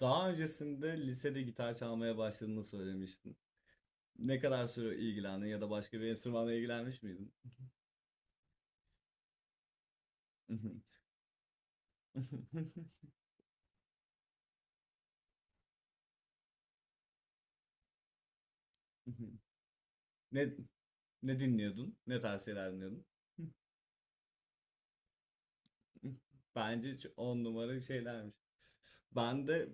Daha öncesinde lisede gitar çalmaya başladığını söylemiştin. Ne kadar süre ilgilendin ya da başka bir enstrümanla ilgilenmiş miydin? Ne ne dinliyordun? Ne tarz şeyler dinliyordun? Bence hiç on numara şeylermiş. Ben de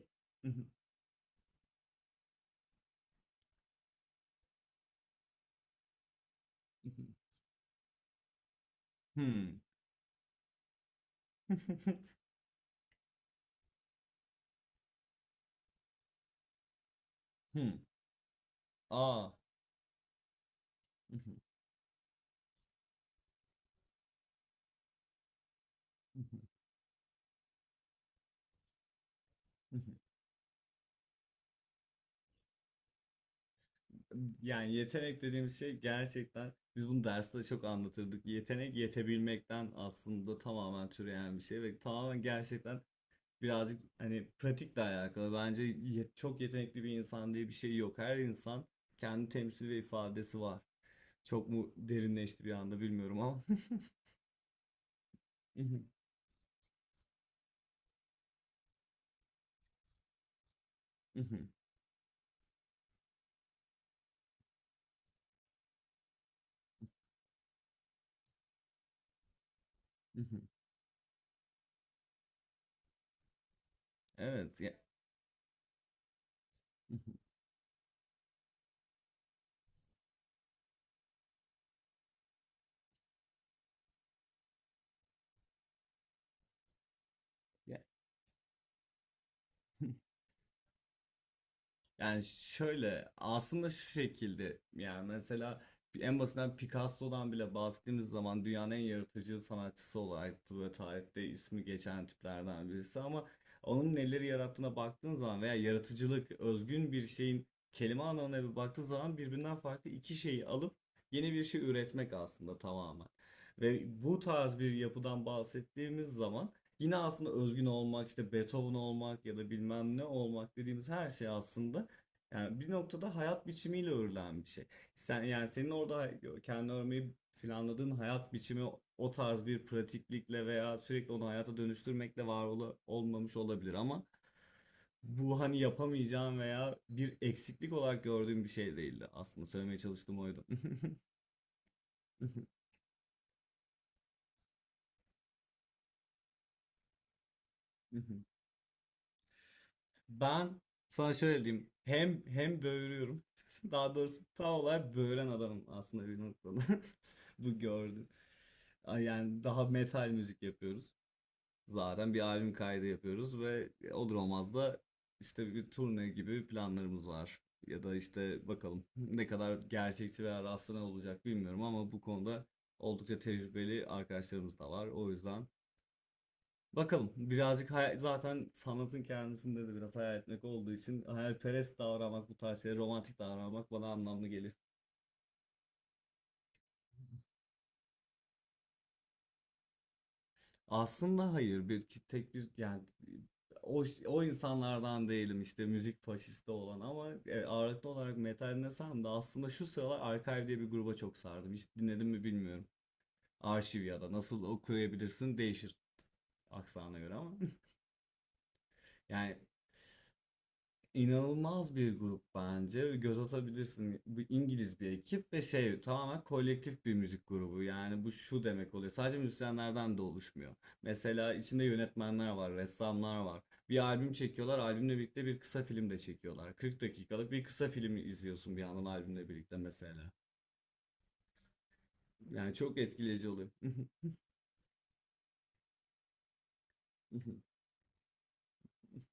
hmm. Hmm. Aa. Yani yetenek dediğimiz şey gerçekten biz bunu derste çok anlatırdık. Yetenek yetebilmekten aslında tamamen türeyen bir şey ve tamamen gerçekten birazcık hani pratikle alakalı. Bence çok yetenekli bir insan diye bir şey yok. Her insan kendi temsil ve ifadesi var. Çok mu derinleşti bir anda bilmiyorum ama. Evet. Ya- Yani şöyle aslında şu şekilde yani mesela en basitinden Picasso'dan bile bahsettiğimiz zaman dünyanın en yaratıcı sanatçısı olarak böyle tarihte ismi geçen tiplerden birisi ama onun neleri yarattığına baktığın zaman veya yaratıcılık özgün bir şeyin kelime anlamına bir baktığın zaman birbirinden farklı iki şeyi alıp yeni bir şey üretmek aslında tamamen. Ve bu tarz bir yapıdan bahsettiğimiz zaman yine aslında özgün olmak, işte Beethoven olmak ya da bilmem ne olmak dediğimiz her şey aslında yani bir noktada hayat biçimiyle örülen bir şey. Sen yani senin orada kendi örmeyi planladığın hayat biçimi o tarz bir pratiklikle veya sürekli onu hayata dönüştürmekle olmamış olabilir ama bu hani yapamayacağım veya bir eksiklik olarak gördüğüm bir şey değildi. Aslında söylemeye çalıştığım oydu. Ben sana şöyle diyeyim. Hem böğürüyorum. Daha doğrusu tam olarak böğüren adamım aslında bir noktada. Bu gördüm. Yani daha metal müzik yapıyoruz. Zaten bir albüm kaydı yapıyoruz ve olur olmaz da işte bir turne gibi planlarımız var. Ya da işte bakalım ne kadar gerçekçi veya rastlanan olacak bilmiyorum ama bu konuda oldukça tecrübeli arkadaşlarımız da var. O yüzden bakalım birazcık zaten sanatın kendisinde de biraz hayal etmek olduğu için hayalperest davranmak bu tarz şeylere romantik davranmak bana anlamlı geliyor. Aslında hayır tek bir yani o insanlardan değilim işte müzik faşisti olan ama ağırlıklı olarak metal desem de aslında şu sıralar Archive diye bir gruba çok sardım. Hiç dinledim mi bilmiyorum. Arşiv ya da nasıl okuyabilirsin değişir aksana göre ama yani İnanılmaz bir grup bence. Göz atabilirsin. Bu İngiliz bir ekip ve şey tamamen kolektif bir müzik grubu. Yani bu şu demek oluyor. Sadece müzisyenlerden de oluşmuyor. Mesela içinde yönetmenler var, ressamlar var. Bir albüm çekiyorlar. Albümle birlikte bir kısa film de çekiyorlar. 40 dakikalık bir kısa film izliyorsun bir yandan albümle birlikte mesela. Yani çok etkileyici oluyor.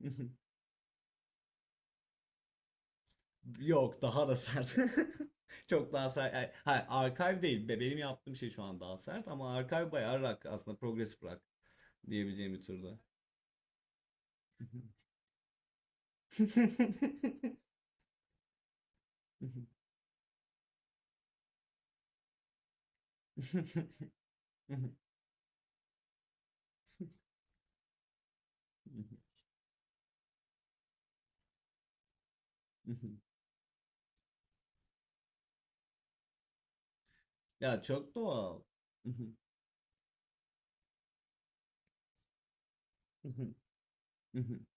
Yok daha da sert. Çok daha sert. Yani, hayır, archive değil. Benim yaptığım şey şu an daha sert ama archive bayağı rock aslında progressive rock diyebileceğim bir türde. Ya çok doğal.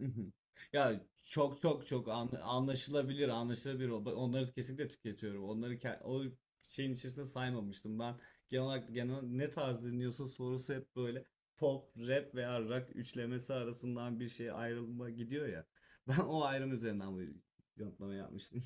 Hı hı. Ya çok çok çok anlaşılabilir, anlaşılabilir. Onları kesinlikle tüketiyorum. Onları o şeyin içerisinde saymamıştım. Ben genel olarak genel ne tarz dinliyorsun sorusu hep böyle pop, rap veya rock üçlemesi arasından bir şey ayrılma gidiyor ya. Ben o ayrım üzerinden bu yanıtlama yapmıştım.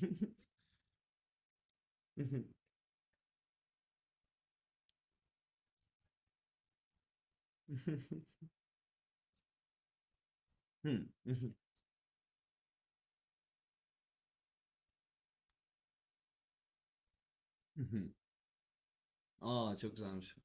Aa çok güzelmiş.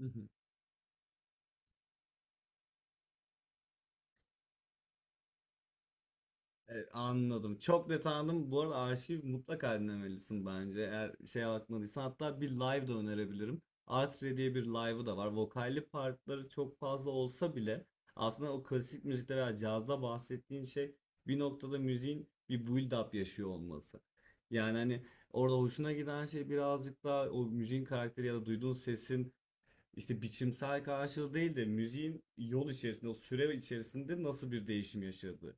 Evet, anladım. Çok net anladım. Bu arada arşiv mutlaka dinlemelisin bence. Eğer şeye bakmadıysan hatta bir live de önerebilirim. Artre diye bir live'ı da var. Vokalli partları çok fazla olsa bile aslında o klasik müzikte veya cazda bahsettiğin şey bir noktada müziğin bir build up yaşıyor olması. Yani hani orada hoşuna giden şey birazcık daha o müziğin karakteri ya da duyduğun sesin işte biçimsel karşılığı değil de müziğin yol içerisinde, o süre içerisinde nasıl bir değişim yaşadığı.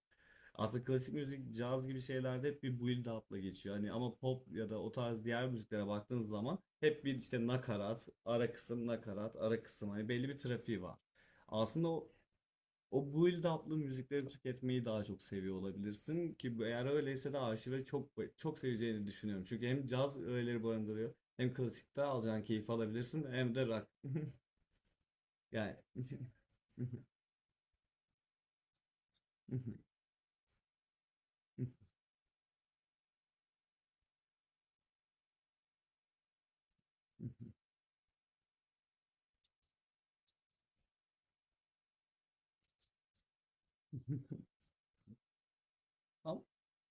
Aslında klasik müzik, caz gibi şeylerde hep bir build up'la geçiyor. Hani ama pop ya da o tarz diğer müziklere baktığınız zaman hep bir işte nakarat, ara kısım, nakarat, ara kısım. Hani belli bir trafiği var. Aslında o build up'lı müzikleri tüketmeyi daha çok seviyor olabilirsin ki eğer öyleyse de arşive çok çok seveceğini düşünüyorum. Çünkü hem caz öğeleri barındırıyor hem klasikte alacağın keyif alabilirsin hem de rock. Yani. Ama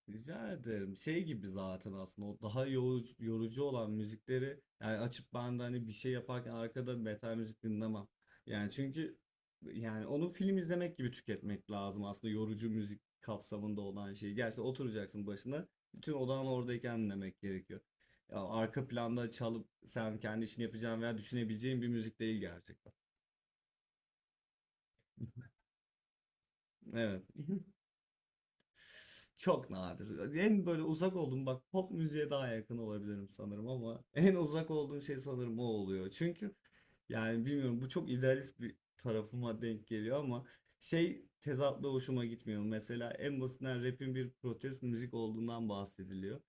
rica ederim. Şey gibi zaten aslında o daha yorucu, yorucu olan müzikleri yani açıp ben de hani bir şey yaparken arkada metal müzik dinlemem. Yani çünkü yani onu film izlemek gibi tüketmek lazım aslında yorucu müzik kapsamında olan şeyi. Gerçi oturacaksın başına bütün odan oradayken dinlemek gerekiyor. Ya arka planda çalıp sen kendi işini yapacağın veya düşünebileceğin bir müzik değil gerçekten. Evet. Çok nadir. En böyle uzak olduğum bak pop müziğe daha yakın olabilirim sanırım ama en uzak olduğum şey sanırım o oluyor. Çünkü yani bilmiyorum bu çok idealist bir tarafıma denk geliyor ama şey tezatla hoşuma gitmiyor. Mesela en basitinden rap'in bir protest müzik olduğundan bahsediliyor.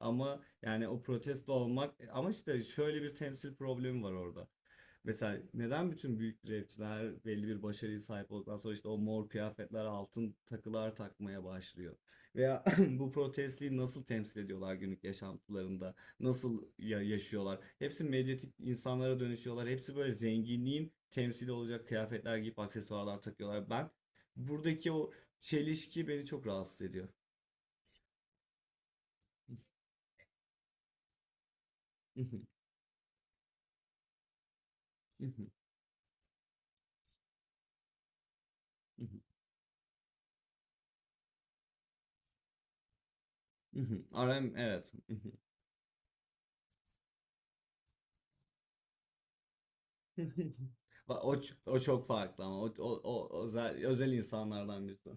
Ama yani o protesto olmak ama işte şöyle bir temsil problemi var orada. Mesela neden bütün büyük rapçiler belli bir başarıya sahip olduktan sonra işte o mor kıyafetler, altın takılar takmaya başlıyor? Veya bu protestliği nasıl temsil ediyorlar günlük yaşantılarında? Nasıl yaşıyorlar? Hepsi medyatik insanlara dönüşüyorlar. Hepsi böyle zenginliğin temsili olacak kıyafetler giyip aksesuarlar takıyorlar. Ben buradaki o çelişki beni çok rahatsız ediyor. RM evet. O, o çok farklı ama o özel insanlardan birisi.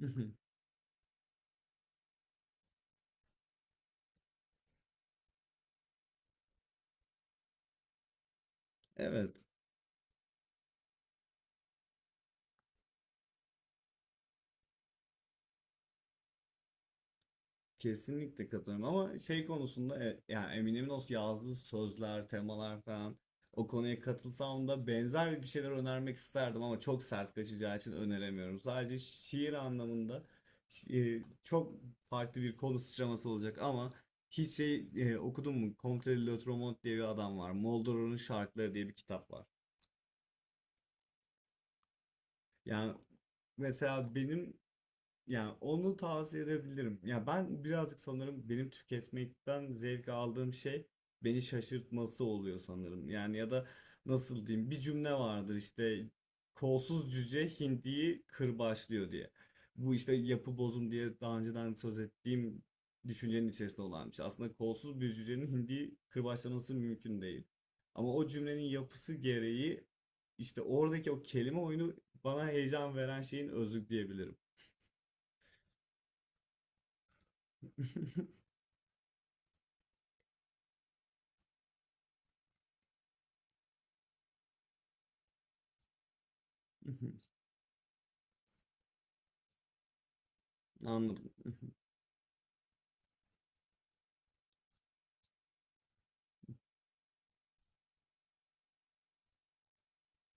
Evet. Kesinlikle katılıyorum ama şey konusunda yani Eminem'in o yazdığı sözler, temalar falan o konuya katılsam da benzer bir şeyler önermek isterdim ama çok sert kaçacağı için öneremiyorum. Sadece şiir anlamında çok farklı bir konu sıçraması olacak ama hiç şey okudun mu? Comte de Tromont diye bir adam var. Moldoro'nun Şarkıları diye bir kitap var. Yani mesela benim yani onu tavsiye edebilirim. Ya ben birazcık sanırım benim tüketmekten zevk aldığım şey beni şaşırtması oluyor sanırım. Yani ya da nasıl diyeyim bir cümle vardır işte kolsuz cüce hindiyi kırbaçlıyor diye. Bu işte yapı bozum diye daha önceden söz ettiğim düşüncenin içerisinde olan bir şey. Aslında kolsuz bir cücenin hindiyi kırbaçlaması mümkün değil. Ama o cümlenin yapısı gereği işte oradaki o kelime oyunu bana heyecan veren şeyin özü diyebilirim. Hı hı, anladım. Hı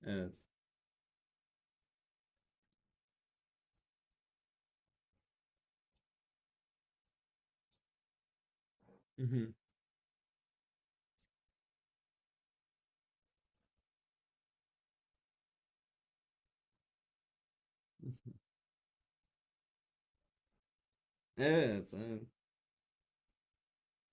evet. Hı hı, evet, evet.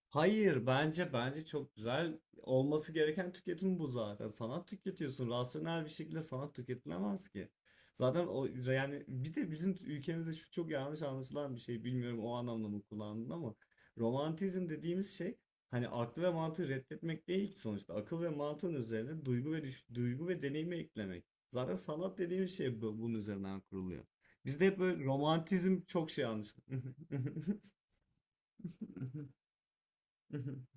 Hayır bence çok güzel olması gereken tüketim bu zaten. Sanat tüketiyorsun. Rasyonel bir şekilde sanat tüketilemez ki. Zaten o yani bir de bizim ülkemizde şu çok yanlış anlaşılan bir şey. Bilmiyorum o anlamda mı kullandın ama romantizm dediğimiz şey hani aklı ve mantığı reddetmek değil ki sonuçta. Akıl ve mantığın üzerine duygu ve duygu ve deneyimi eklemek. Zaten sanat dediğimiz şey bunun üzerinden kuruluyor. Bizde hep böyle romantizm çok şey anlaşılıyor.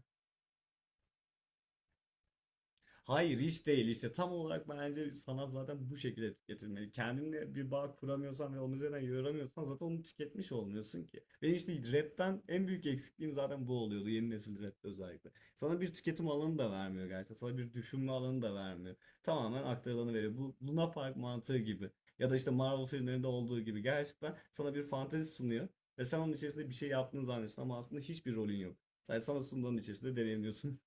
Hayır hiç değil işte tam olarak bence sanat zaten bu şekilde tüketilmeli. Kendinle bir bağ kuramıyorsan ve onun üzerinden yoramıyorsan zaten onu tüketmiş olmuyorsun ki. Benim işte rapten en büyük eksikliğim zaten bu oluyordu yeni nesil rapte özellikle. Sana bir tüketim alanı da vermiyor gerçekten sana bir düşünme alanı da vermiyor. Tamamen aktarılanı veriyor. Bu Luna Park mantığı gibi ya da işte Marvel filmlerinde olduğu gibi gerçekten sana bir fantezi sunuyor. Ve sen onun içerisinde bir şey yaptığını zannediyorsun ama aslında hiçbir rolün yok. Sadece sana sunduğun içerisinde deneyimliyorsun.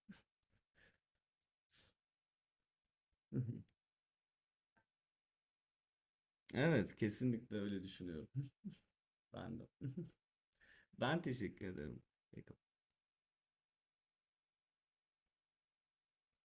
Evet, kesinlikle öyle düşünüyorum. Ben de. Ben teşekkür ederim.